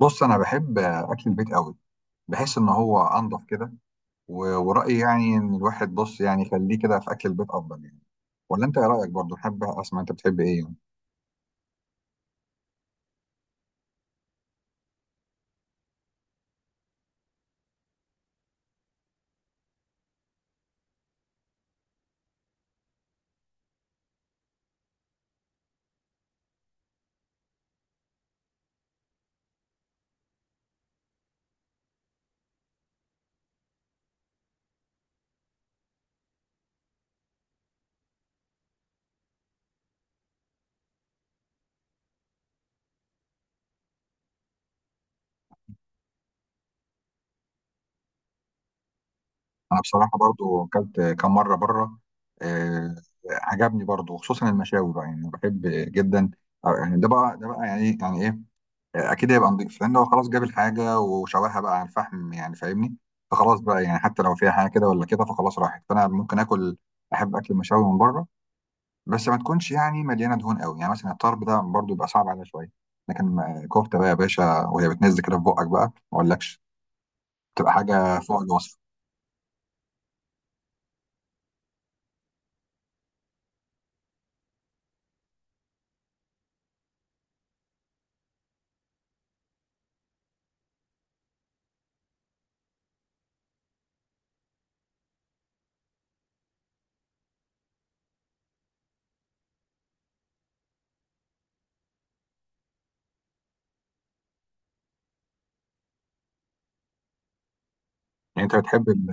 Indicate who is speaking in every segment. Speaker 1: بص انا بحب اكل البيت قوي. بحس ان هو انضف كده. و- ورأيي يعني ان الواحد بص يعني يخليه كده في اكل البيت افضل يعني. ولا انت ايه رأيك؟ برضو حابب اسمع، انت بتحب ايه يعني؟ انا بصراحة برضو اكلت كام مرة بره. آه. عجبني برضو، خصوصا المشاوي بقى، يعني أنا بحب جدا. أو يعني ده بقى ده بقى يعني إيه، يعني ايه. اكيد هيبقى نضيف لان هو خلاص جاب الحاجة وشواها بقى على الفحم يعني فاهمني. فخلاص بقى يعني حتى لو فيها حاجة كده ولا كده فخلاص راحت، فانا ممكن اكل، احب اكل المشاوي من بره. بس ما تكونش يعني مليانه دهون قوي، يعني مثلا الطرب ده برضو يبقى صعب عليها شويه. لكن كفته بقى يا باشا، وهي بتنزل كده في بقك بقى، ما اقولكش، بتبقى حاجه فوق الوصف. يعني انت بتحب ال...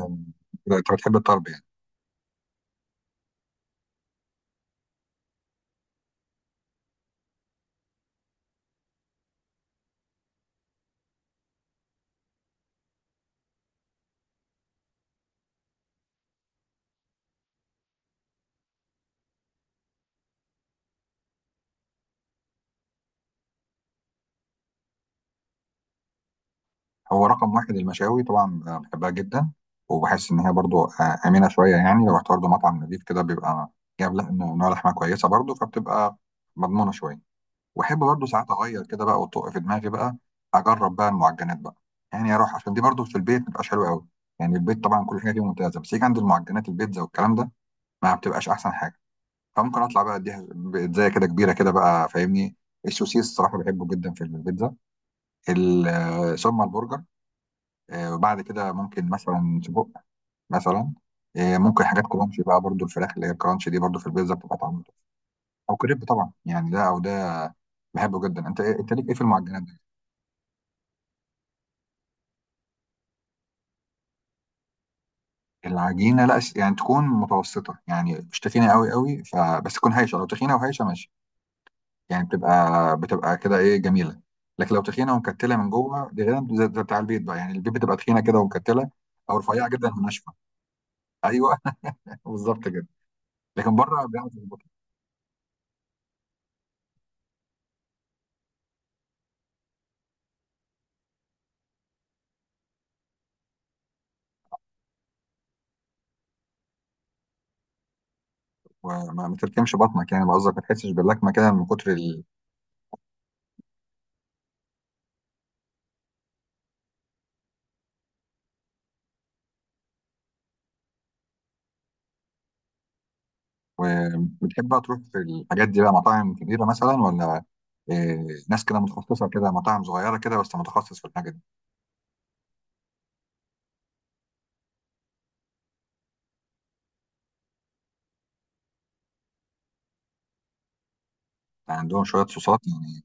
Speaker 1: انت بتحب الطرب يعني. هو رقم واحد المشاوي طبعا، أنا بحبها جدا. وبحس ان هي برضو امنه شويه، يعني لو رحت برضو مطعم نضيف كده بيبقى جايب نوع لحمه كويسه برضو، فبتبقى مضمونه شويه. واحب برضو ساعات اغير كده بقى وتقع في دماغي بقى، اجرب بقى المعجنات بقى. يعني اروح عشان دي برضو في البيت ما بتبقاش حلوه قوي. يعني البيت طبعا كل حاجه فيه ممتازه، بس يجي عند المعجنات، البيتزا والكلام ده ما بتبقاش احسن حاجه. فممكن اطلع بقى اديها بيتزايه كده كبيره كده بقى فاهمني. السوسيس الصراحه بحبه جدا في البيتزا. ثم البرجر. وبعد كده ممكن مثلا سجق مثلا. ممكن حاجات كرانشي بقى برضو، الفراخ اللي هي الكرانشي دي برضو في البيتزا بتبقى طعمها. او كريب طبعا، يعني ده او ده بحبه جدا. انت انت ليك ايه في المعجنات؟ العجينه لا، يعني تكون متوسطه، يعني مش تخينه قوي قوي، فبس تكون هايشه. لو تخينه وهايشه ماشي، يعني بتبقى كده ايه جميله. لكن لو تخينه ومكتله من جوه، دي غير، زي بتاع البيت بقى يعني، البيت بتبقى تخينه كده ومكتله. او رفيعه جدا وناشفه. ايوه. بالظبط كده. لكن بره بيعرف يظبط. وما ما تلكمش بطنك، يعني لو قصدك ما تحسش باللكمه كده من كتر ال... وبتحب بقى تروح في الحاجات دي بقى مطاعم كبيره مثلا، ولا إيه، ناس كده متخصصه كده، مطاعم صغيره كده بس متخصص في الحاجه دي؟ يعني عندهم شويه صوصات يعني.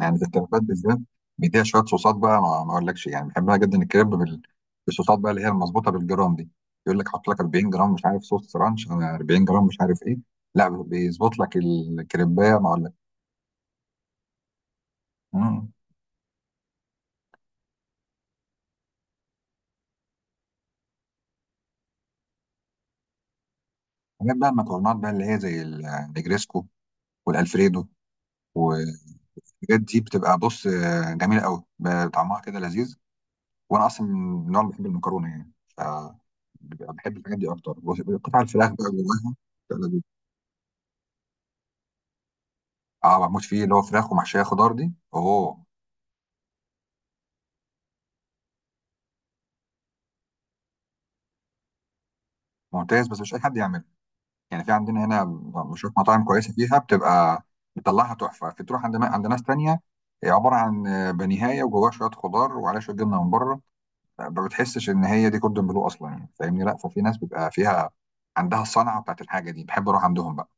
Speaker 1: يعني الكريبات بالذات بيديها شويه صوصات بقى، ما اقولكش يعني، بحبها جدا الكريب بالصوصات بقى، اللي هي المظبوطه بالجرام دي. يقول لك حط لك 40 جرام مش عارف، صوص رانش على 40 جرام مش عارف ايه. لا بيظبط لك الكريبايه ما اقولك. مم. حاجات بقى المكرونات بقى اللي هي زي النجريسكو والالفريدو والحاجات دي، بتبقى بص جميله قوي، طعمها كده لذيذ. وانا اصلا من النوع اللي بحب المكرونه يعني، ف بيبقى بحب الحاجات دي اكتر، قطع الفراخ بقى جواها. اه بموت فيه، اللي هو فراخ ومحشيه خضار دي، اوه. ممتاز، بس مش اي حد يعمله. يعني في عندنا هنا بشوف مطاعم كويسه فيها بتبقى بتطلعها تحفه. في تروح عند ناس تانية هي عباره عن بانيهايه وجواها شويه خضار وعليها شويه جبنه من بره، ما بتحسش ان هي دي كوردون بلو اصلا يعني فاهمني. لا، ففي ناس بيبقى فيها عندها الصنعه بتاعت الحاجه دي، بحب اروح عندهم بقى.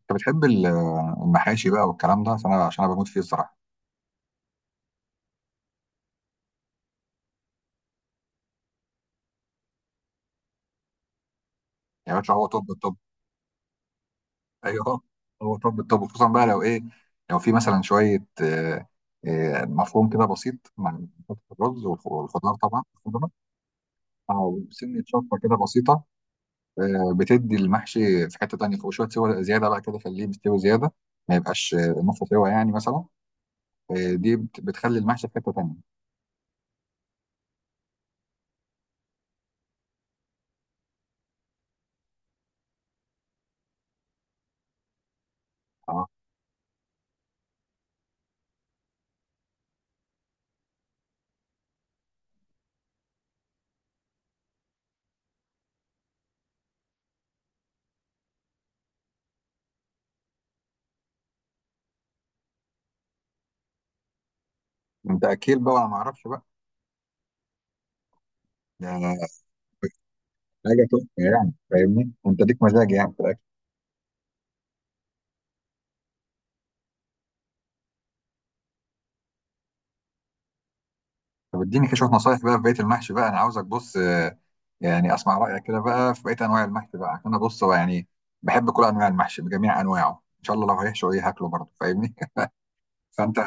Speaker 1: انت بتحب المحاشي بقى والكلام ده، عشان انا بموت فيه الصراحه. يا باشا هو توب. ايوه. هو طب خصوصا بقى لو ايه، لو في مثلا شويه مفروم كده بسيط مع فتة الرز والخضار طبعا، الخضار او سنه شطه كده بسيطه، بتدي المحشي في حته تانيه، وشويه سوى زياده بقى كده، خليه مستوي زياده، ما يبقاش نص سوا يعني مثلا، دي بتخلي المحشي في حته تانيه. اه. انت اكيل بقى، ولا ما اعرفش بقى، ده حاجه تحفه يعني فاهمني، انت ليك مزاج يعني. طب اديني كده شويه نصايح بقى في بقيه المحشي بقى، انا عاوزك بص يعني اسمع رايك كده بقى في بقيه انواع المحشي بقى، عشان انا بص هو يعني بحب كل انواع المحشي بجميع انواعه، ان شاء الله لو هيحشوا ايه هاكله برضه فاهمني. فانت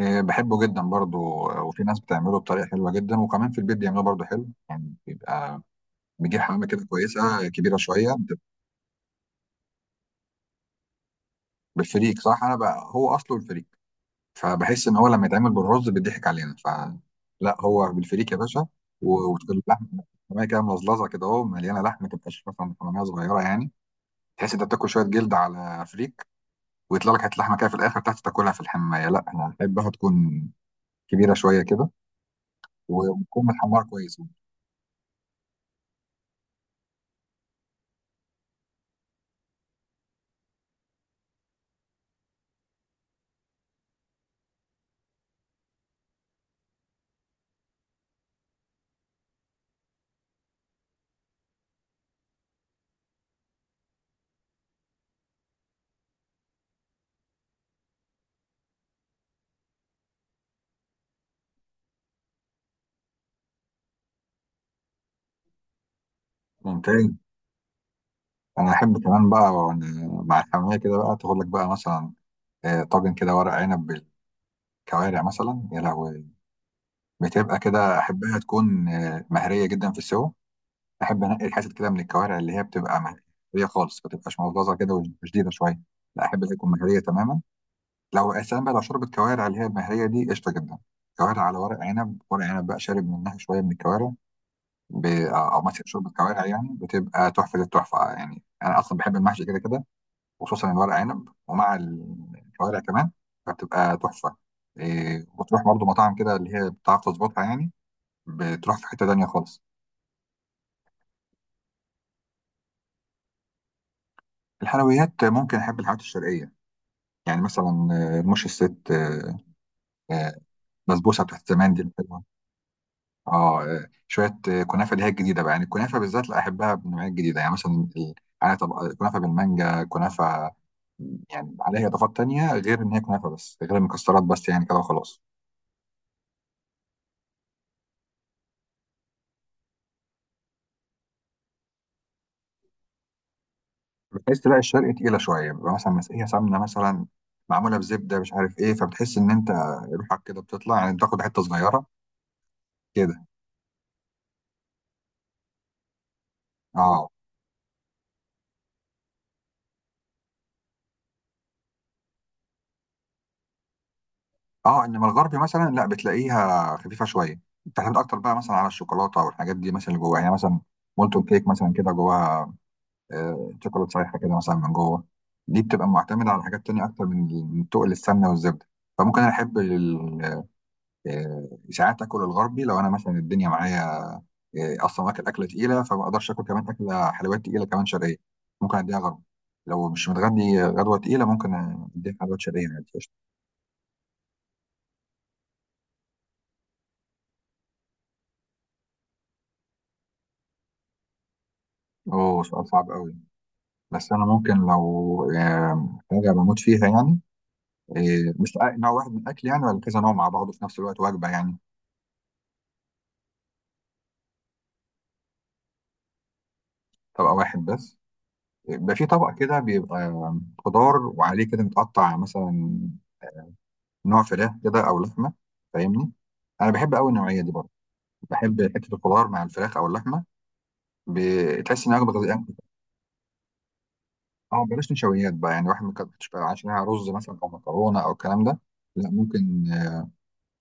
Speaker 1: بحبه جدا برضه. وفي ناس بتعمله بطريقه حلوه جدا، وكمان في البيت بيعملوه برضه حلو يعني، بيبقى بيجيب حمامه كده كويسه كبيره شويه. بالفريك صح، انا بقى هو اصله الفريك، فبحس ان هو لما يتعمل بالرز بيضحك علينا، فلا هو بالفريك يا باشا. و- واللحمه حمامية كده ملظلظه كده، اهو مليانه لحمه، ما تبقاش مثلا حماميه صغيره يعني، تحس انت بتاكل شويه جلد على فريك، ويطلع لك حته لحمه كده في الاخر تحت تاكلها. في الحمايه لا انا احبها تكون كبيره شويه كده، وتكون متحمره كويس. ممتاز. انا احب كمان بقى، وأنا مع الحماميه كده بقى، تاخد لك بقى مثلا طاجن كده ورق عنب بالكوارع مثلا يا لهوي، بتبقى كده احبها تكون مهريه جدا في السوا. احب انقي الحتت كده من الكوارع اللي هي بتبقى مهريه خالص، ما تبقاش مغلظه كده وشديده شويه، لا احب اللي تكون مهريه تماما. لو اساسا بقى لو شربت كوارع اللي هي المهريه دي قشطه جدا، كوارع على ورق عنب، ورق عنب بقى شارب منها شويه من الكوارع، ب... او مثلا شوربه كوارع، يعني بتبقى تحفه التحفه، يعني انا اصلا بحب المحشي كده كده، وخصوصا الورق عنب ومع الكوارع كمان فبتبقى تحفه. إيه، وتروح برضه مطاعم كده اللي هي بتعرف تظبطها يعني، بتروح في حته تانيه خالص. الحلويات ممكن احب الحلويات الشرقيه، يعني مثلا رموش الست، آه، بسبوسه بتاعت زمان دي الحلوه. اه، شويه كنافه اللي هي الجديده بقى، يعني الكنافه بالذات لا احبها بالنوعيه الجديده، يعني مثلا عليها طبق كنافه بالمانجا كنافه، يعني عليها اضافات تانية غير ان هي كنافه بس، غير المكسرات بس يعني كده وخلاص. بتحس تلاقي الشرق تقيله شويه، بيبقى مثلا مسقيه سمنه مثلا معموله بزبده مش عارف ايه، فبتحس ان انت روحك كده بتطلع، يعني بتاخد حته صغيره كده. اه. اه. انما الغربي مثلا لا بتلاقيها خفيفه شويه، بتعتمد اكتر بقى مثلا على الشوكولاته والحاجات دي مثلا اللي جواها، يعني مثلا مولتون كيك مثلا كده جواها شوكولاته سايحه كده مثلا من جوه، دي بتبقى معتمده على حاجات تانية اكتر من تقل السمنه والزبده. فممكن انا احب ساعات اكل الغربي، لو انا مثلا الدنيا معايا اصلا واكل اكله تقيله، فما اقدرش اكل كمان اكله حلويات تقيله كمان شرقيه، ممكن اديها غربي، لو مش متغدي غدوه تقيله ممكن اديها حلويات شرقيه عادي قشطة. اوه سؤال صعب قوي. بس انا ممكن لو حاجه بموت فيها يعني، مش نوع واحد من الاكل يعني، ولا كذا نوع مع بعضه في نفس الوقت وجبه يعني؟ طبق واحد بس. بيبقى في طبق كده بيبقى خضار وعليه كده متقطع مثلا نوع فراخ كده او لحمه، فاهمني. انا بحب قوي النوعيه دي برضه. بحب حته الخضار مع الفراخ او اللحمه، بتحس انها وجبه غذائيه. اه بلاش نشويات بقى يعني، واحد ما كانش عشانها رز مثلا او مكرونه او الكلام ده، لا. ممكن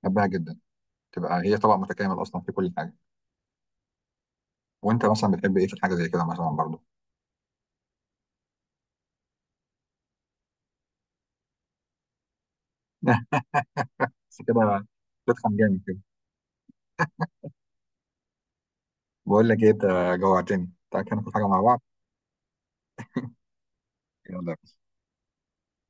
Speaker 1: احبها جدا تبقى هي طبق متكامل اصلا في كل حاجه. وانت مثلا بتحب ايه في الحاجه زي كده مثلا برضه؟ اه. بس كده تفهم جامد كده. بقول لك ايه، انت جوعتني، تعالى كده ناكل حاجه مع بعض. يلا.